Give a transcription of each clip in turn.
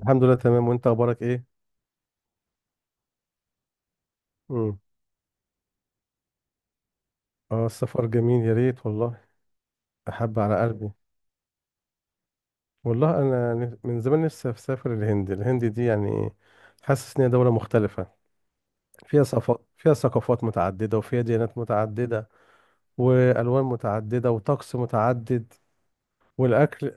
الحمد لله، تمام. وانت اخبارك ايه؟ امم اه، السفر جميل، يا ريت والله. احب على قلبي. والله انا من زمان نفسي اسافر الهند. الهند دي يعني حاسس ان هي دوله مختلفه. فيها صفات، فيها ثقافات متعدده، وفيها ديانات متعدده، والوان متعدده، وطقس متعدد. والاكل،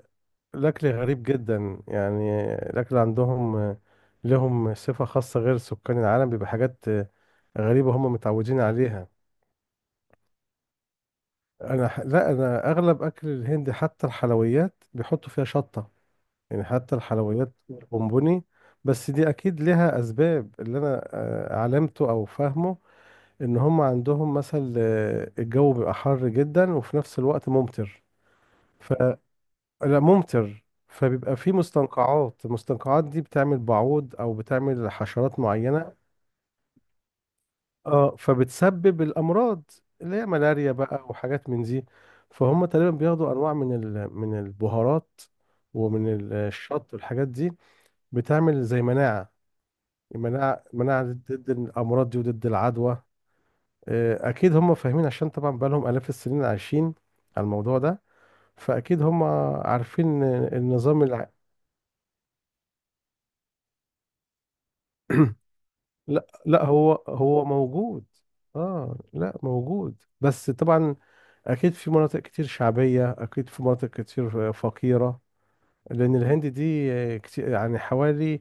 الاكل غريب جدا. يعني الاكل عندهم لهم صفه خاصه غير سكان العالم. بيبقى حاجات غريبه هم متعودين عليها. لا، انا اغلب اكل الهند حتى الحلويات بيحطوا فيها شطة. يعني حتى الحلويات بونبوني. بس دي اكيد لها اسباب اللي انا علمته او فاهمه. ان هم عندهم مثلا الجو بيبقى حر جدا وفي نفس الوقت ممطر. ف لا، ممطر فبيبقى في مستنقعات. المستنقعات دي بتعمل بعوض او بتعمل حشرات معينة. اه، فبتسبب الامراض اللي هي ملاريا بقى وحاجات من دي. فهم تقريبا بياخدوا انواع من البهارات ومن الشط والحاجات دي. بتعمل زي مناعه. مناعه، مناعه ضد الامراض دي وضد العدوى. اكيد هم فاهمين عشان طبعا بقالهم الاف السنين عايشين على الموضوع ده. فاكيد هم عارفين النظام لا لا، هو موجود. اه، لا موجود، بس طبعا أكيد في مناطق كتير شعبية، أكيد في مناطق كتير فقيرة. لأن الهند دي كتير، يعني حوالي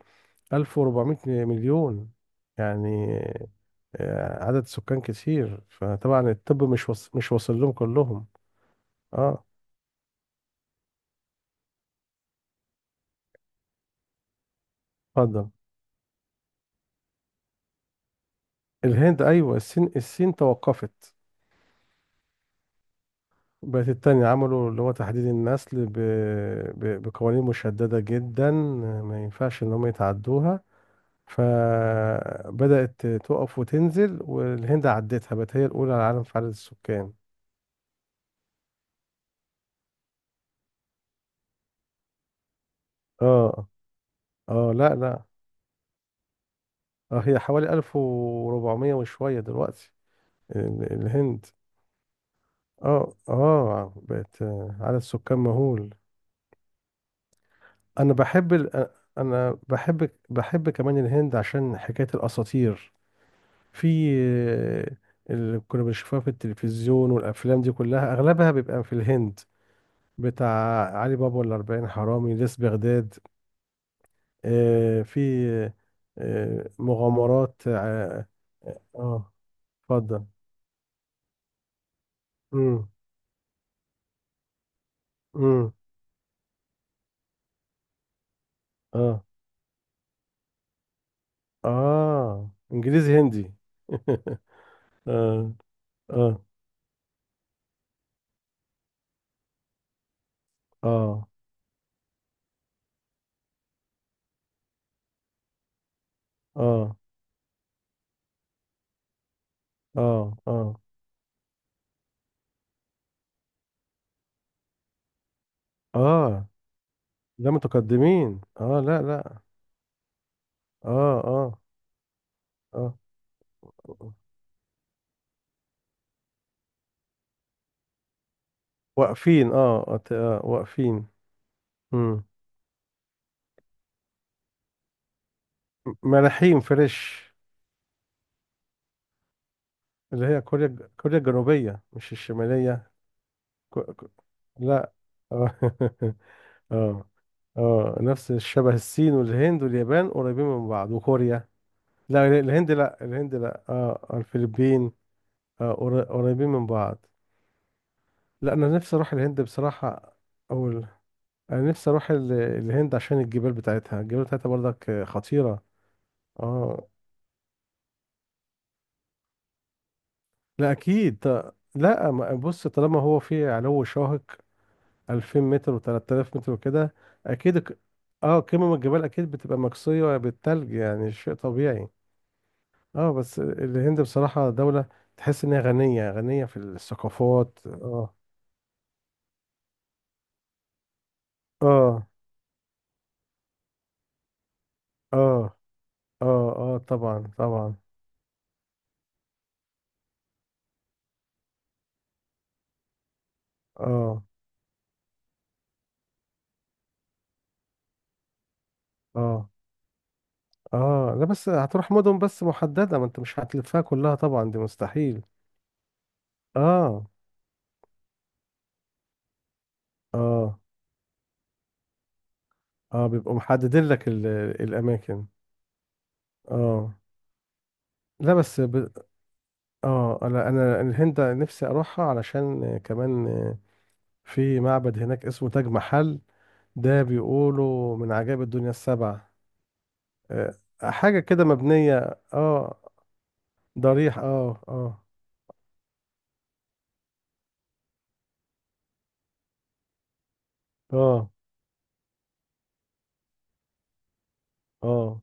1400 مليون، يعني عدد سكان كتير. فطبعا الطب مش واصل لهم كلهم. اه، اتفضل. الهند أيوة. الصين، الصين توقفت، بقت التانية. عملوا اللي هو تحديد النسل بقوانين مشددة جدا، ما ينفعش إن هم يتعدوها. فبدأت تقف وتنزل، والهند عدتها بقت هي الأولى على العالم في عدد السكان. اه، اه، لا لا، اه، هي حوالي 1400 وشوية دلوقتي الهند. اه، اه، بقت عدد سكان مهول. انا بحب ال... آه، انا بحب بحب كمان الهند عشان حكاية الأساطير. في آه، اللي كنا بنشوفها في التلفزيون والأفلام دي كلها أغلبها بيبقى في الهند. بتاع علي بابا والأربعين حرامي، ليس بغداد. آه، في آه، مغامرات اه، اتفضل. امم امم اه، اه، انجليزي هندي. اه، اه. اه، اه، اه، اه. اه، ده متقدمين. اه، لا لا. اه، اه، اه، واقفين. اه، واقفين. امم ملاحين فريش. اللي هي كوريا، كوريا الجنوبية مش الشمالية. كو... كو... لا. آه. اه، اه، نفس الشبه الصين والهند واليابان قريبين من بعض وكوريا. لا، الهند، لا، الهند لا، اه، الفلبين. قريبين من بعض. لا، انا نفسي اروح الهند بصراحة. اول انا نفسي اروح الهند عشان الجبال بتاعتها الجبال بتاعتها برضك خطيرة. اه، لا اكيد، لا بص، طالما هو في علو شاهق 2000 متر و3000 متر وكده، اكيد الك- اه، قمم الجبال اكيد بتبقى مكسية بالثلج، يعني شيء طبيعي. اه، بس الهند بصراحة دولة تحس إن هي غنية، غنية في الثقافات. اه، اه، اه، اه، اه، طبعا طبعا. اه، اه، اه، لا بس هتروح مدن بس محددة. ما انت مش هتلفها كلها طبعا، دي مستحيل. اه، اه، اه، بيبقوا محددين لك الأماكن. اه، لا بس اه، انا الهند نفسي اروحها علشان كمان في معبد هناك اسمه تاج محل. ده بيقولوا من عجائب الدنيا السبع. آه، حاجة كده مبنية. اه، ضريح. اه، اه، اه، اه،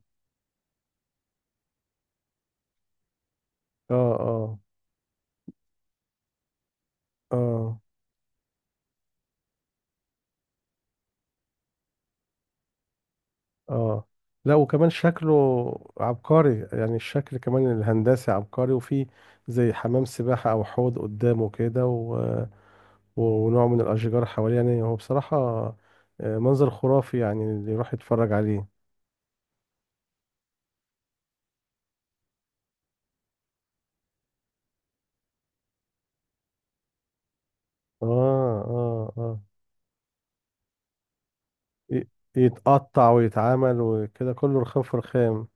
اه، اه، اه، اه. لا، وكمان شكله عبقري. يعني الشكل كمان الهندسي عبقري، وفي زي حمام سباحة أو حوض قدامه كده، ونوع من الأشجار حواليه. يعني هو بصراحة منظر خرافي، يعني اللي يروح يتفرج عليه. اه، اه، اه، ي- يتقطع ويتعمل وكده، كله رخام في رخام.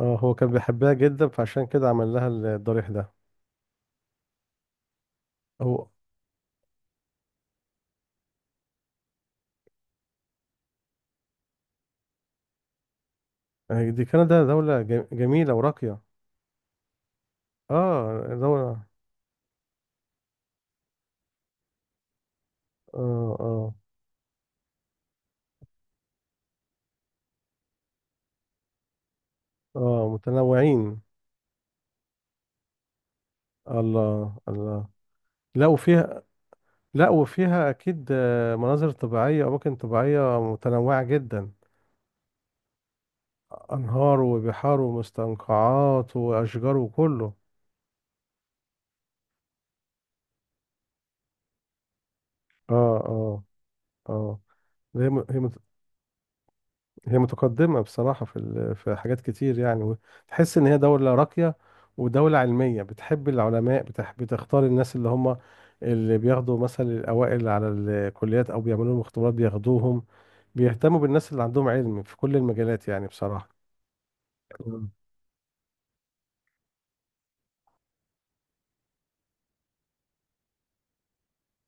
اه، هو كان بيحبها جدا فعشان كده عمل لها الضريح ده. هو آه، دي كندا، دولة جميلة وراقية. اه، دولة. اه، اه، اه، متنوعين. الله الله. لا، وفيها. لا، وفيها اكيد مناظر طبيعية، اماكن طبيعية متنوعة جدا. انهار وبحار ومستنقعات واشجار وكله. اه، اه، اه، هي هي متقدمة بصراحة في في حاجات كتير يعني. تحس إن هي دولة راقية، ودولة علمية بتحب العلماء، بتحب بتختار الناس اللي هم اللي بياخدوا مثلا الأوائل على الكليات، أو بيعملوا لهم اختبارات بياخدوهم. بيهتموا بالناس اللي عندهم علم في كل المجالات، يعني بصراحة. مم.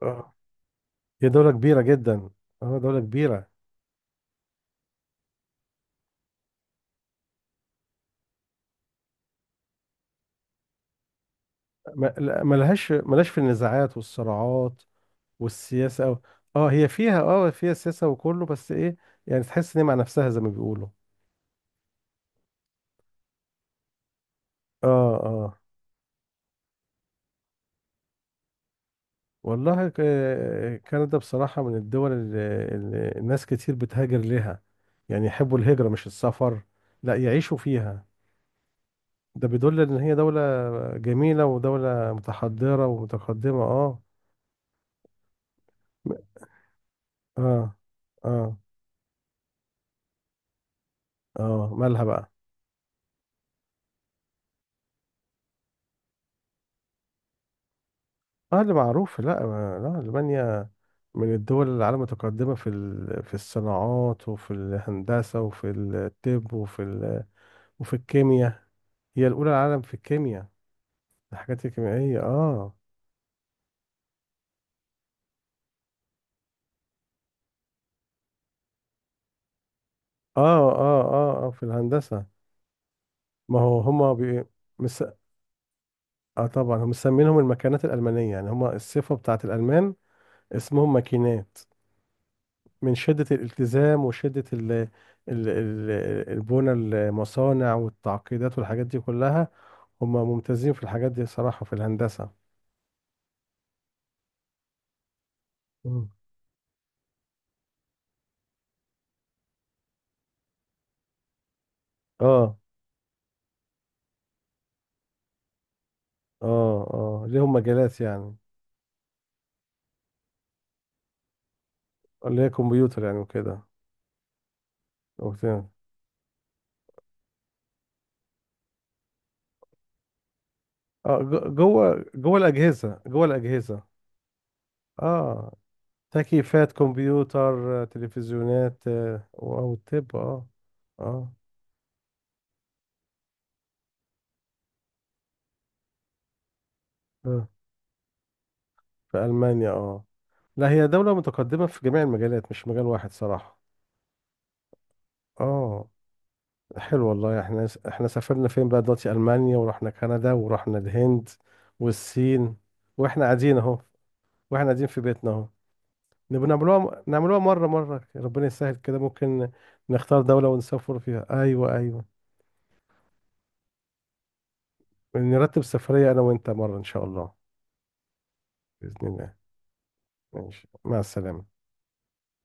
آه. هي دولة كبيرة جدا. اه، دولة كبيرة. ملهاش في النزاعات والصراعات والسياسة أو. اه، هي فيها سياسة وكله، بس ايه، يعني تحس ان هي مع نفسها زي ما بيقولوا. اه، اه، والله كندا بصراحة من الدول اللي الناس كتير بتهاجر لها. يعني يحبوا الهجرة مش السفر، لا يعيشوا فيها. ده بيدل ان هي دولة جميلة ودولة متحضرة ومتقدمة. اه. اه، اه، اه، مالها بقى. اه، اللي معروف. لا، لا، ألمانيا من الدول اللي العالم متقدمة في في الصناعات وفي الهندسة وفي الطب وفي الكيمياء. هي الأولى العالم في الكيمياء، الحاجات الكيميائية. اه، اه، اه، اه، في الهندسة. ما هو هما بي... مس... اه، طبعا هم مسمينهم المكانات الألمانية. يعني هما الصفة بتاعت الألمان اسمهم ماكينات، من شدة الالتزام وشدة ال... البنى، المصانع، والتعقيدات والحاجات دي كلها. هما ممتازين في الحاجات دي صراحة في الهندسة. مم. اه، اه، اه، ليهم مجالات يعني. اللي هي كمبيوتر يعني وكده وبتاع. اه، جوه الأجهزة، جوه الأجهزة. اه، تكييفات، كمبيوتر، تلفزيونات، او الطب. اه، اه، آه، في المانيا. اه، لا، هي دولة متقدمة في جميع المجالات مش مجال واحد صراحة. اه، حلو والله. احنا سافرنا فين بقى دلوقتي؟ المانيا، ورحنا كندا، ورحنا الهند، والصين، واحنا قاعدين اهو، واحنا قاعدين في بيتنا اهو. نبقى نعملوها، نعملوها مرة مرة ربنا يسهل كده ممكن. نختار دولة ونسافر فيها. ايوه، ايوه، نرتب سفرية انا وانت مرة ان شاء الله. بإذن الله. ماشي، مع السلامة.